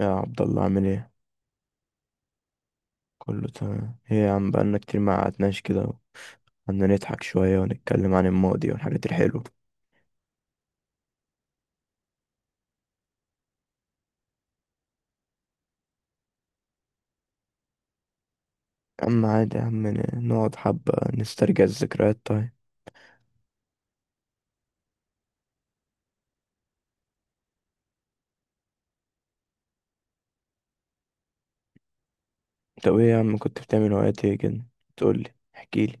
يا عبد الله عامل ايه؟ كله تمام، ايه يا عم بقالنا كتير ما قعدناش كده. قعدنا نضحك شوية ونتكلم عن الماضي والحاجات الحلوة. يا عم عادي يا عم، نقعد حبة نسترجع الذكريات. طيب، طب ايه يا عم كنت بتعمل وقت ايه كده؟ تقولي احكيلي.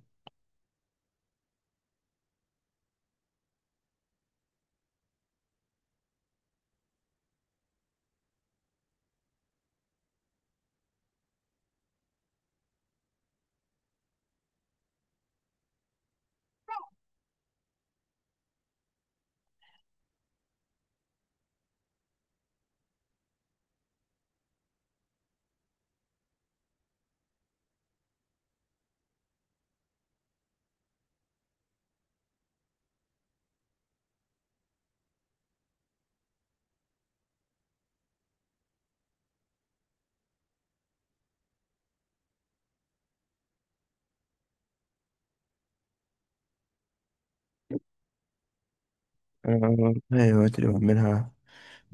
انا والله الوقت اللي بعملها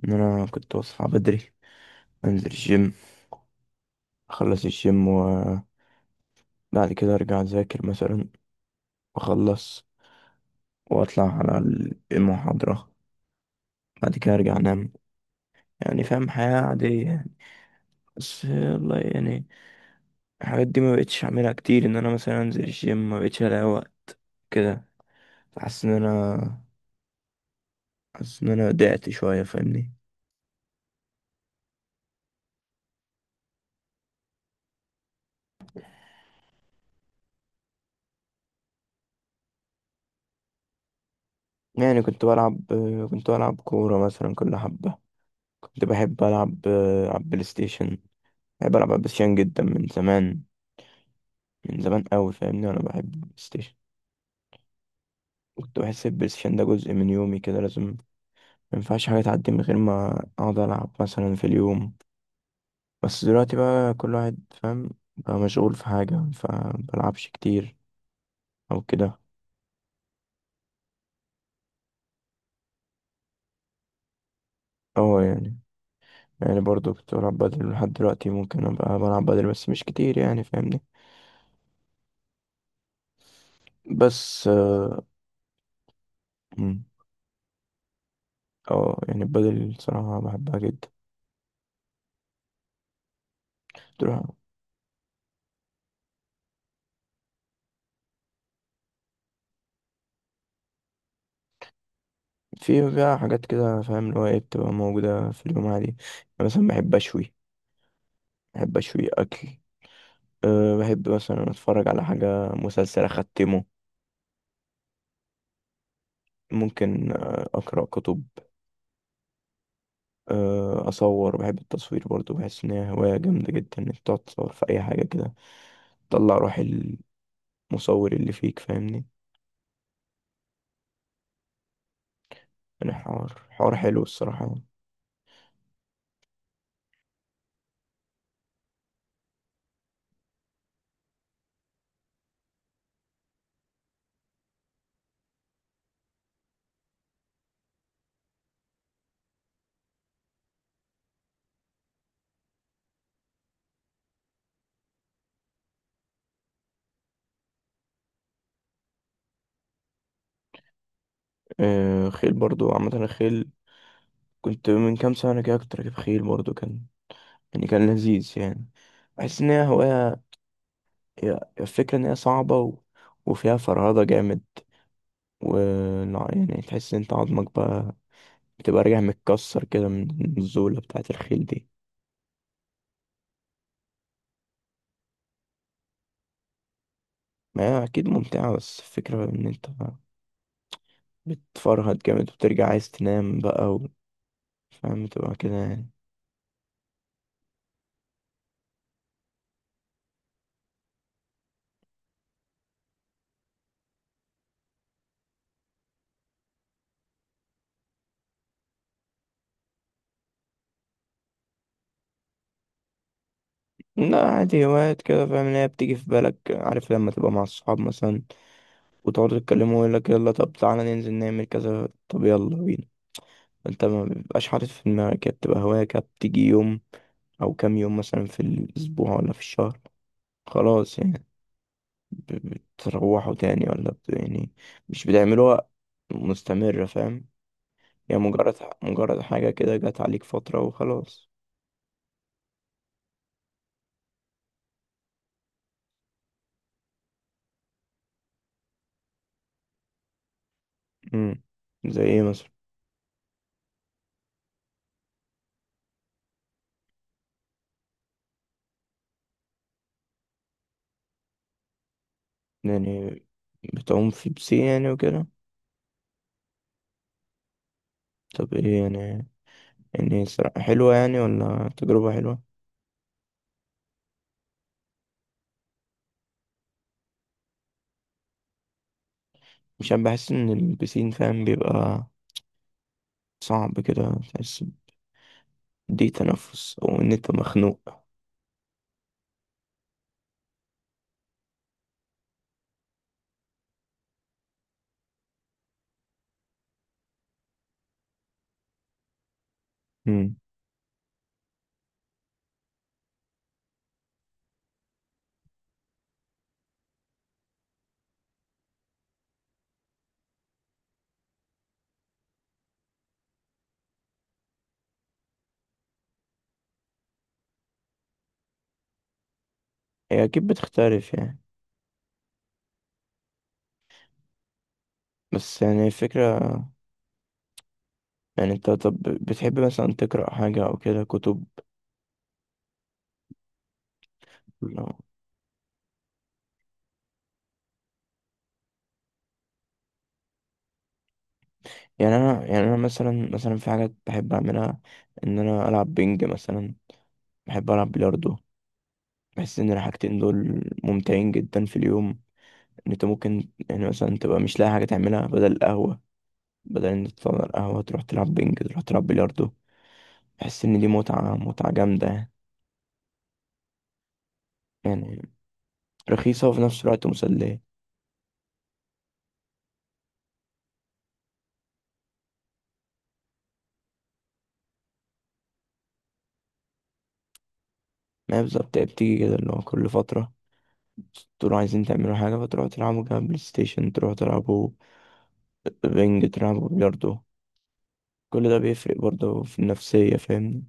ان انا كنت بصحى بدري، انزل الجيم، اخلص الجيم وبعد كده ارجع اذاكر مثلا، واخلص واطلع على المحاضرة، بعد كده ارجع انام. يعني فاهم، حياة عادية. بس والله يعني الحاجات دي ما بقتش اعملها كتير، ان انا مثلا انزل الجيم ما بقتش الاقي وقت كده. حاسس ان انا حاسس ان انا ضعت شويه، فاهمني؟ يعني كنت بلعب كوره مثلا كل حبه. كنت بحب العب بلاي ستيشن. بحب العب بلاي ستيشن جدا من زمان، من زمان قوي، فاهمني؟ انا بحب البلاي ستيشن. كنت بحس البلاي ستيشن ده جزء من يومي كده، لازم ما ينفعش حاجه تعدي من غير ما اقعد العب مثلا في اليوم. بس دلوقتي بقى كل واحد فاهم، بقى مشغول في حاجة فمبلعبش كتير أو كده. اه يعني، يعني برضو كنت بلعب بدل لحد دلوقتي، ممكن أبقى بلعب بدل بس مش كتير يعني، فاهمني؟ بس اه، مم. آه، يعني البدل صراحة بحبها جدا. تروح... في فيها حاجات كده فاهم اللي هو ايه، بتبقى موجودة في اليوم عادي يعني. مثلا بحب أشوي أكل. أه بحب مثلا أتفرج على حاجة مسلسل أختمه. ممكن أقرأ كتب. اصور، بحب التصوير برضو، بحس ان هي هواية جامدة جدا انك تقعد تصور في اي حاجة كده، تطلع روح المصور اللي فيك، فاهمني؟ يعني حوار حلو الصراحة يعني. آه خيل برضو، عامة الخيل كنت من كام سنة كده كنت راكب خيل برضو، كان يعني كان لذيذ يعني. بحس ان هي هواية، هي الفكرة ان هي صعبة و... وفيها فرهدة جامد و... لا، يعني تحس ان انت عظمك بقى بتبقى راجع متكسر كده من الزولة بتاعة الخيل دي. ما هي اكيد ممتعة، بس الفكرة ان انت بتفرهد جامد وبترجع عايز تنام بقى و... فاهم، تبقى كده يعني. لا، عادي هوايات كده فاهم اللي هي بتيجي في بالك، عارف لما تبقى مع الصحاب مثلا وتقعدوا تتكلموا ويقول لك يلا طب تعالى ننزل نعمل كذا، طب يلا بينا. انت ما بيبقاش حاطط في دماغك، هي بتبقى هواية كده بتيجي يوم او كام يوم مثلا في الاسبوع ولا في الشهر، خلاص يعني. بتروحوا تاني ولا بت... يعني مش بتعملوها مستمرة، فاهم؟ يعني مجرد حاجة كده جت عليك فترة وخلاص. امم زي ايه مثلا؟ يعني بتعوم في بسين يعني وكده؟ طب ايه يعني؟ يعني حلوة يعني ولا تجربة حلوة؟ مش عارف، بحس ان البسين فاهم بيبقى صعب كده، تحس دي تنفس او ان انت مخنوق. امم هي اكيد بتختلف يعني. بس يعني الفكرة، يعني انت طب بتحب مثلا تقرأ حاجة او كده كتب؟ يعني انا مثلا في حاجات بحب اعملها. ان انا العب بينج مثلا، بحب العب بلياردو. بحس ان الحاجتين دول ممتعين جدا في اليوم. ان انت ممكن يعني مثلا تبقى مش لاقي حاجه تعملها بدل القهوه، بدل ان انت تقعد على القهوه تروح تلعب بينج، تروح تلعب بلياردو. بحس ان دي متعه جامده، يعني رخيصه وفي نفس الوقت مسليه. ما هي بالظبط، هي بتيجي كده اللي هو كل فتره تقولوا عايزين تعملوا حاجه فتروحوا تلعبوا كده بلاي ستيشن، تروحوا تلعبوا بينج، تلعبوا بلياردو. كل ده بيفرق برضه في النفسية، فاهمني؟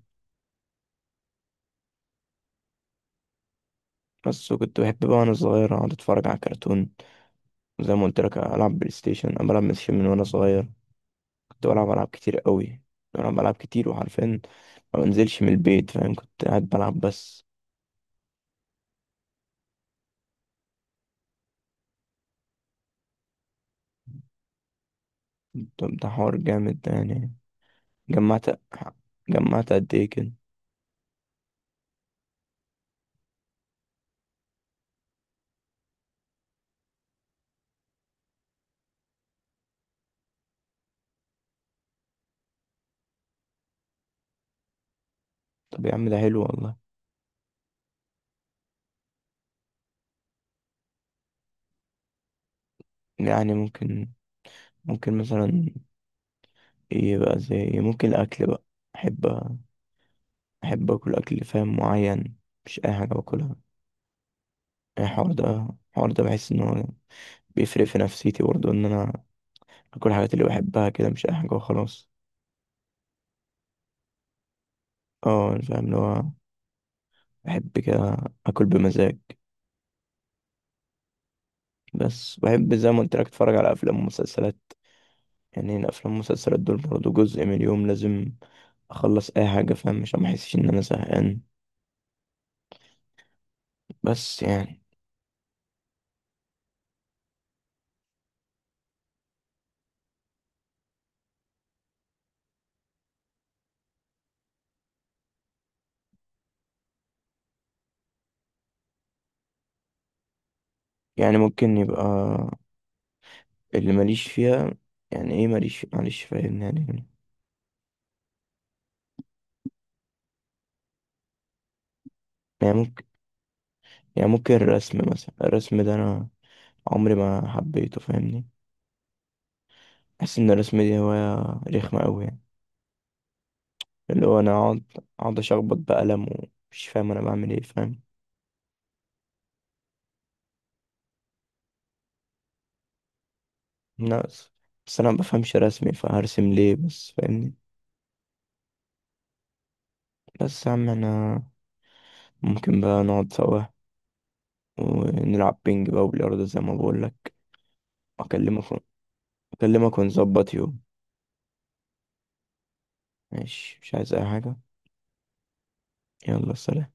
بس وكنت بحب بقى وأنا صغير أقعد أتفرج على كرتون. وزي ما قلت لك ألعب بلاي ستيشن، أنا بلعب بلاي ستيشن من وأنا صغير. كنت بلعب ألعاب كتير قوي. كنت بلعب ألعاب كتير وعارفين ما بنزلش من البيت، فاهم؟ كنت قاعد بلعب بس. طب ده حوار جامد ده يعني، جمعت جمعت قد إيه كده؟ طب يا عم ده حلو والله. يعني ممكن مثلا إيه بقى؟ زي إيه؟ ممكن الأكل بقى. أحب أحب أكل فاهم معين، مش أي حاجة باكلها. الحوار ده بحس ان هو بيفرق في نفسيتي برضه، ان انا اكل الحاجات اللي بحبها كده مش اي حاجه وخلاص. اه أنا فاهم اللي هو بحب كده اكل بمزاج. بس بحب زي ما قلت لك اتفرج على افلام ومسلسلات. يعني الافلام والمسلسلات دول برضه جزء من اليوم، لازم اخلص اي حاجه فاهم عشان ما احسش ان انا زهقان. بس يعني ممكن يبقى اللي ماليش فيها، يعني ايه ماليش معلش فاهم يعني؟ يعني ممكن يعني ممكن الرسم مثلا، الرسم ده انا عمري ما حبيته فاهمني. بحس ان الرسم دي هواية رخمة أوي يعني، اللي هو انا اقعد اشخبط بقلم ومش فاهم انا بعمل ايه، فاهم؟ ناقص، بس انا مبفهمش رسمي فهرسم ليه بس، فاهمني؟ بس يا عم انا ممكن بقى نقعد سوا ونلعب بينج بقى وبلياردو زي ما بقولك. اكلمك اكلمك ونظبط يوم. ماشي مش عايز اي حاجة. يلا سلام.